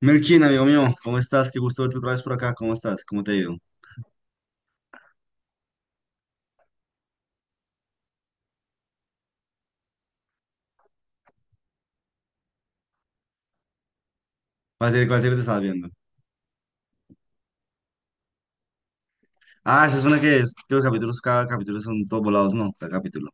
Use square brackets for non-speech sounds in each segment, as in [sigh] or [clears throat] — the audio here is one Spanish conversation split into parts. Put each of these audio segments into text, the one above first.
Melkin, amigo mío, ¿cómo estás? Qué gusto verte otra vez por acá. ¿Cómo estás? ¿Cómo te ha ido? ¿Cuál serie te estás viendo? Ah, esa es una que es, que los capítulos, cada capítulo son todos volados, no, cada capítulo.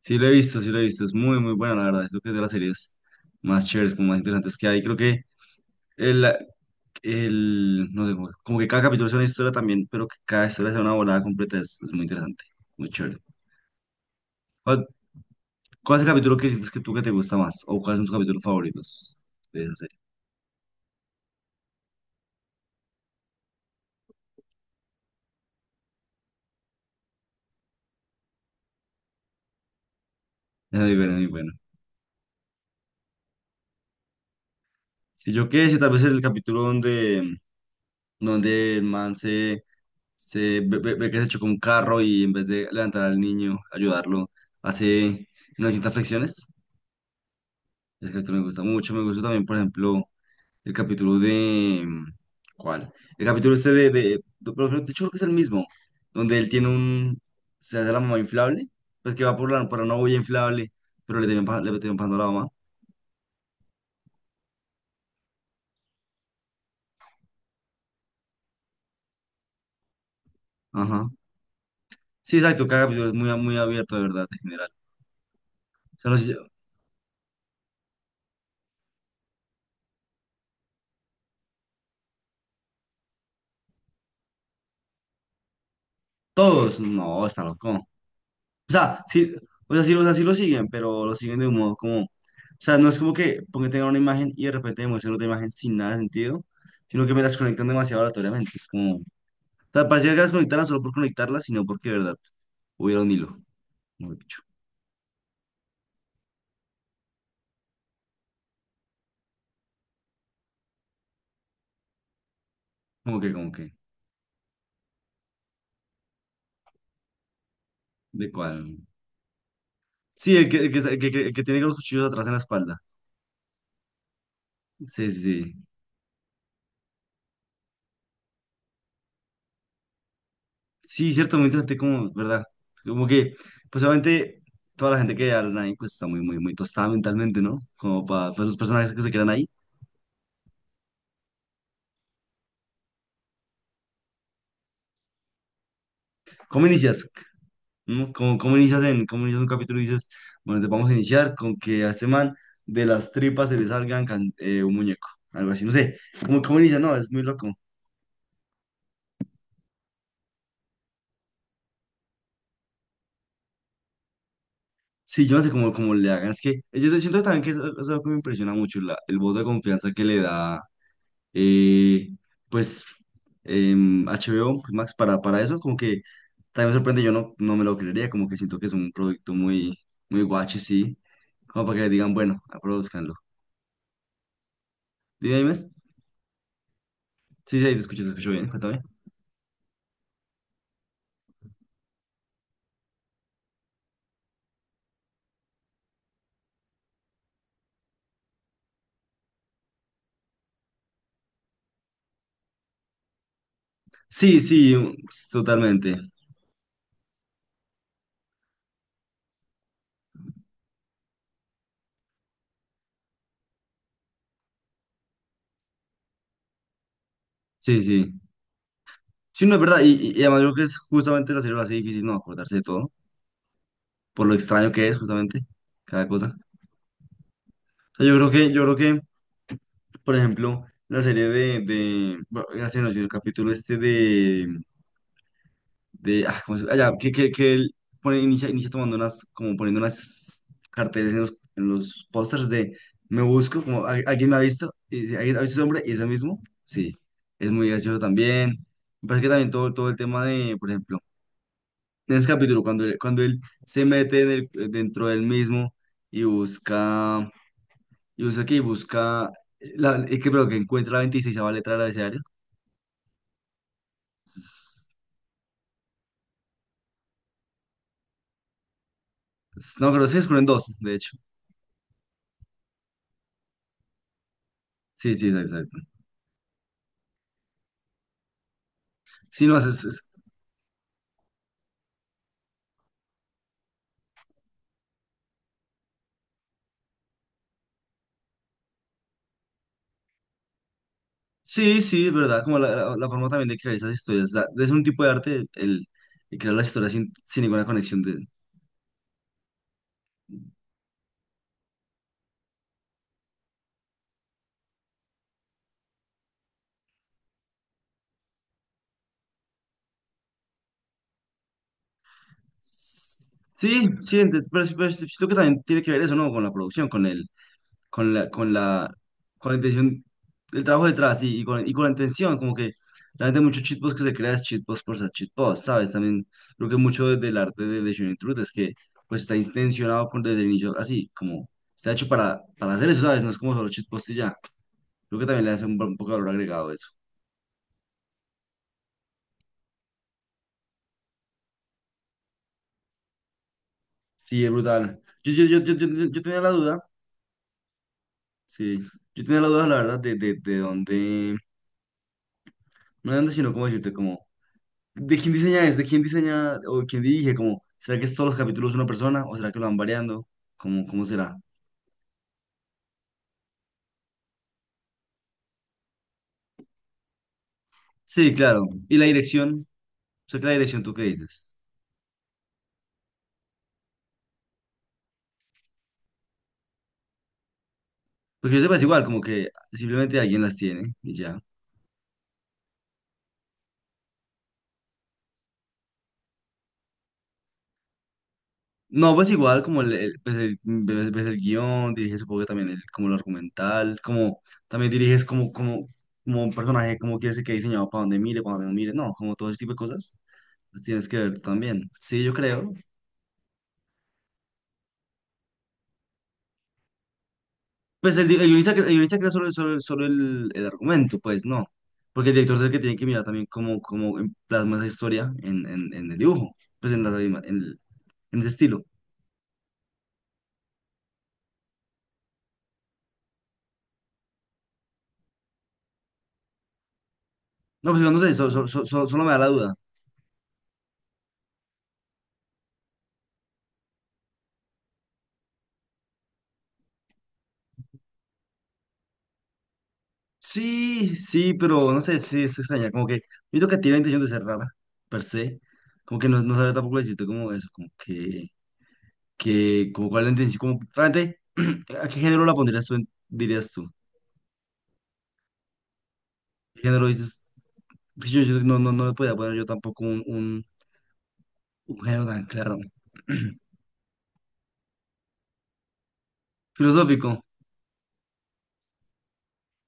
Sí lo he visto, sí lo he visto, es muy, muy buena, la verdad. Es lo que es de las series más chéveres, como más interesantes que hay. Creo que el, el no sé, como que cada capítulo es una historia también, pero que cada historia sea una volada completa, es muy interesante, muy chévere. ¿Cuál, cuál es el capítulo que sientes que tú que te gusta más? ¿O cuáles son tus capítulos favoritos de esa serie? Es muy bueno, muy bueno. Si yo qué sé, tal vez el capítulo donde donde el man se ve que se chocó un carro y en vez de levantar al niño, ayudarlo, hace 900 flexiones. Ese capítulo me gusta mucho. Me gusta también, por ejemplo, el capítulo de... ¿Cuál? El capítulo este de hecho, creo que es el mismo, donde él tiene un... Se hace la mamá inflable, pues que va por una olla inflable, pero le terminan pagando a la mamá. Ajá. Sí, exacto, cada capítulo es muy, muy abierto, de verdad, en general. O sea, no sé si- todos, no, está loco. O sea, sí, o sea, sí, o sea, sí lo siguen, pero lo siguen de un modo como, o sea, no es como que porque tengan una imagen y de repente demuestren otra imagen sin nada de sentido, sino que me las conectan demasiado aleatoriamente. Es como, o sea, parecía que las conectaran solo por conectarlas, sino porque, de verdad, hubiera un hilo, mejor dicho. Como que, como que, ¿De cuál? Sí, el que tiene los cuchillos atrás en la espalda. Sí, sí, sí. Sí, cierto, muy interesante, como, ¿verdad? Como que, pues obviamente, toda la gente que habla ahí, pues está muy, muy, muy tostada mentalmente, ¿no? Como para, sus personajes que se quedan ahí. ¿Cómo inicias? ¿No? ¿Cómo inicias un capítulo y dices, bueno, te vamos a iniciar con que a este man de las tripas se le salgan un muñeco, algo así, no sé, ¿cómo inicia? No, es muy loco. Sí, yo no sé cómo le hagan, yo siento también que eso es algo que me impresiona mucho, el voto de confianza que le da, eh, pues, HBO, pues, Max, para, eso, como que también me sorprende, yo no me lo creería, como que siento que es un producto muy, muy guache, sí, como para que le digan, bueno, produzcanlo. Dime, dime. Sí, sí, ahí te escucho bien, cuéntame. Sí, sí, totalmente. Sí, sí. Sí, no es verdad. Y además yo creo que es justamente la serie lo hace difícil no acordarse de todo, por lo extraño que es justamente cada cosa. O sea, yo creo que, por ejemplo, la serie bueno, ya se nos dio el capítulo este de, ah, ¿cómo se- ah, ya, que él pone, inicia tomando unas, como poniendo unas carteles en los pósters de me busco, como alguien me ha visto", y dice, "alguien ha visto ese hombre", y ese mismo, sí, es muy gracioso también. Me parece que también todo el tema de, por ejemplo, en ese capítulo, cuando él se mete dentro del mismo y busca, y busca que busca, la, que, pero que encuentra la 26.ª letra del abecedario. Es- No, creo que se descubren dos, de hecho. Sí, sí, exacto. Exacto. Sí, no. Sí, sí, es verdad, como la forma también de crear esas historias. Es un tipo de arte el crear las historias sin ninguna conexión de... Sí, sí, pero, pero sí, siento que también tiene que ver eso, ¿no? Con la producción, con el, con la, con la, con la intención, el trabajo detrás y con la intención, como que realmente muchos cheatposts que se crean es cheatposts por ser cheatposts, ¿sabes? También creo que mucho del arte de Shooting Truth es que pues está intencionado con, desde el inicio así, como está hecho para hacer eso, ¿sabes? No es como solo cheatpost y ya. Creo que también le hace un poco de valor agregado eso. Sí, es brutal. Yo tenía la duda, sí, yo tenía la duda, la verdad, de dónde, no de dónde, sino cómo decirte, como, de quién diseña o quién dirige, como, ¿será que es todos los capítulos una persona o será que lo van variando? ¿Cómo será? Sí, claro. ¿Y la dirección? O sea, que la dirección, ¿tú qué dices? Porque yo sepa, es igual, como que simplemente alguien las tiene y ya. No, pues igual como pues el guión, diriges supongo que también el, como lo argumental, como también diriges como, como un personaje, como quieres que quede diseñado para donde mire, para donde no mire, no, como todo ese tipo de cosas, las tienes que ver tú también. Sí, yo creo. Pues el, di- el guionista, cre- el guionista crea solo el argumento, pues no, porque el director es el que tiene que mirar también plasma esa historia en el dibujo, pues en, la, en, el- en ese estilo. No, pues igual no sé, solo me da la duda. Sí, sí, pero no sé, sí, es extraña. Como que yo creo que tiene la intención de ser rara, per se. Como que no sabe tampoco decirte como eso, como que como cuál es la intención, sí, como realmente, [clears throat] ¿a qué género la pondrías tú, dirías tú? ¿Qué género dices? Que yo no le podía poner yo tampoco un género tan claro. Filosófico,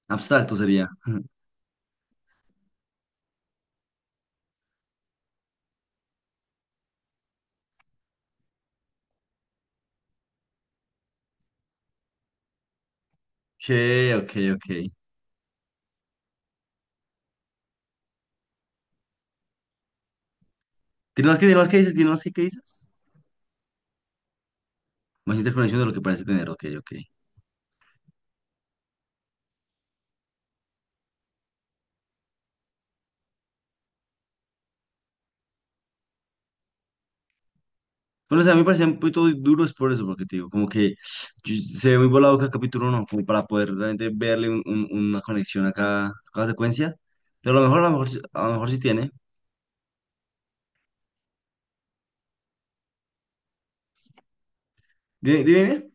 abstracto sería. Ok, ok, ok. Tienes más que dices? ¿Tienes más que, qué dices? Más interconexión de lo que parece tener, ok, ok. Bueno, o sea, a mí me parecían un poquito duros por eso, porque te digo, como que se ve muy volado cada capítulo uno, como para poder realmente verle una conexión a cada secuencia. Pero a lo mejor, a lo mejor, a lo mejor sí tiene. ¿Dime? ¿Dime?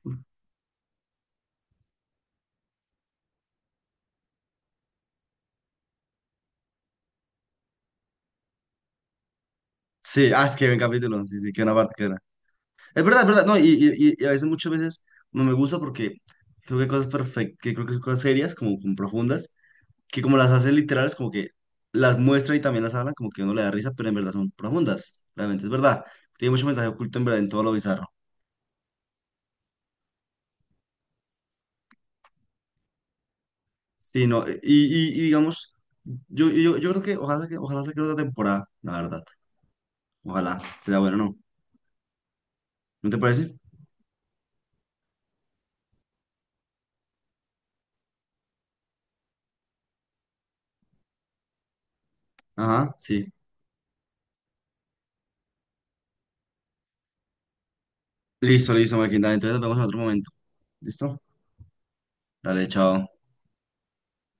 Sí, ah, es que ven capítulo, sí, sí, que una parte que era. Es verdad, no, y a veces, muchas veces, no me gusta porque creo que hay cosas perfectas, que creo que son cosas serias, como profundas, que como las hacen literales, como que las muestran y también las hablan, como que uno le da risa, pero en verdad son profundas, realmente, es verdad. Tiene mucho mensaje oculto en verdad en todo lo bizarro. Sí, no, y, y digamos, yo creo que ojalá saque otra temporada, la verdad. Ojalá, sea bueno, ¿no? ¿No te parece? Ajá, sí. Listo, listo, Marquín, dale, entonces nos vemos en otro momento. ¿Listo? Dale, chao.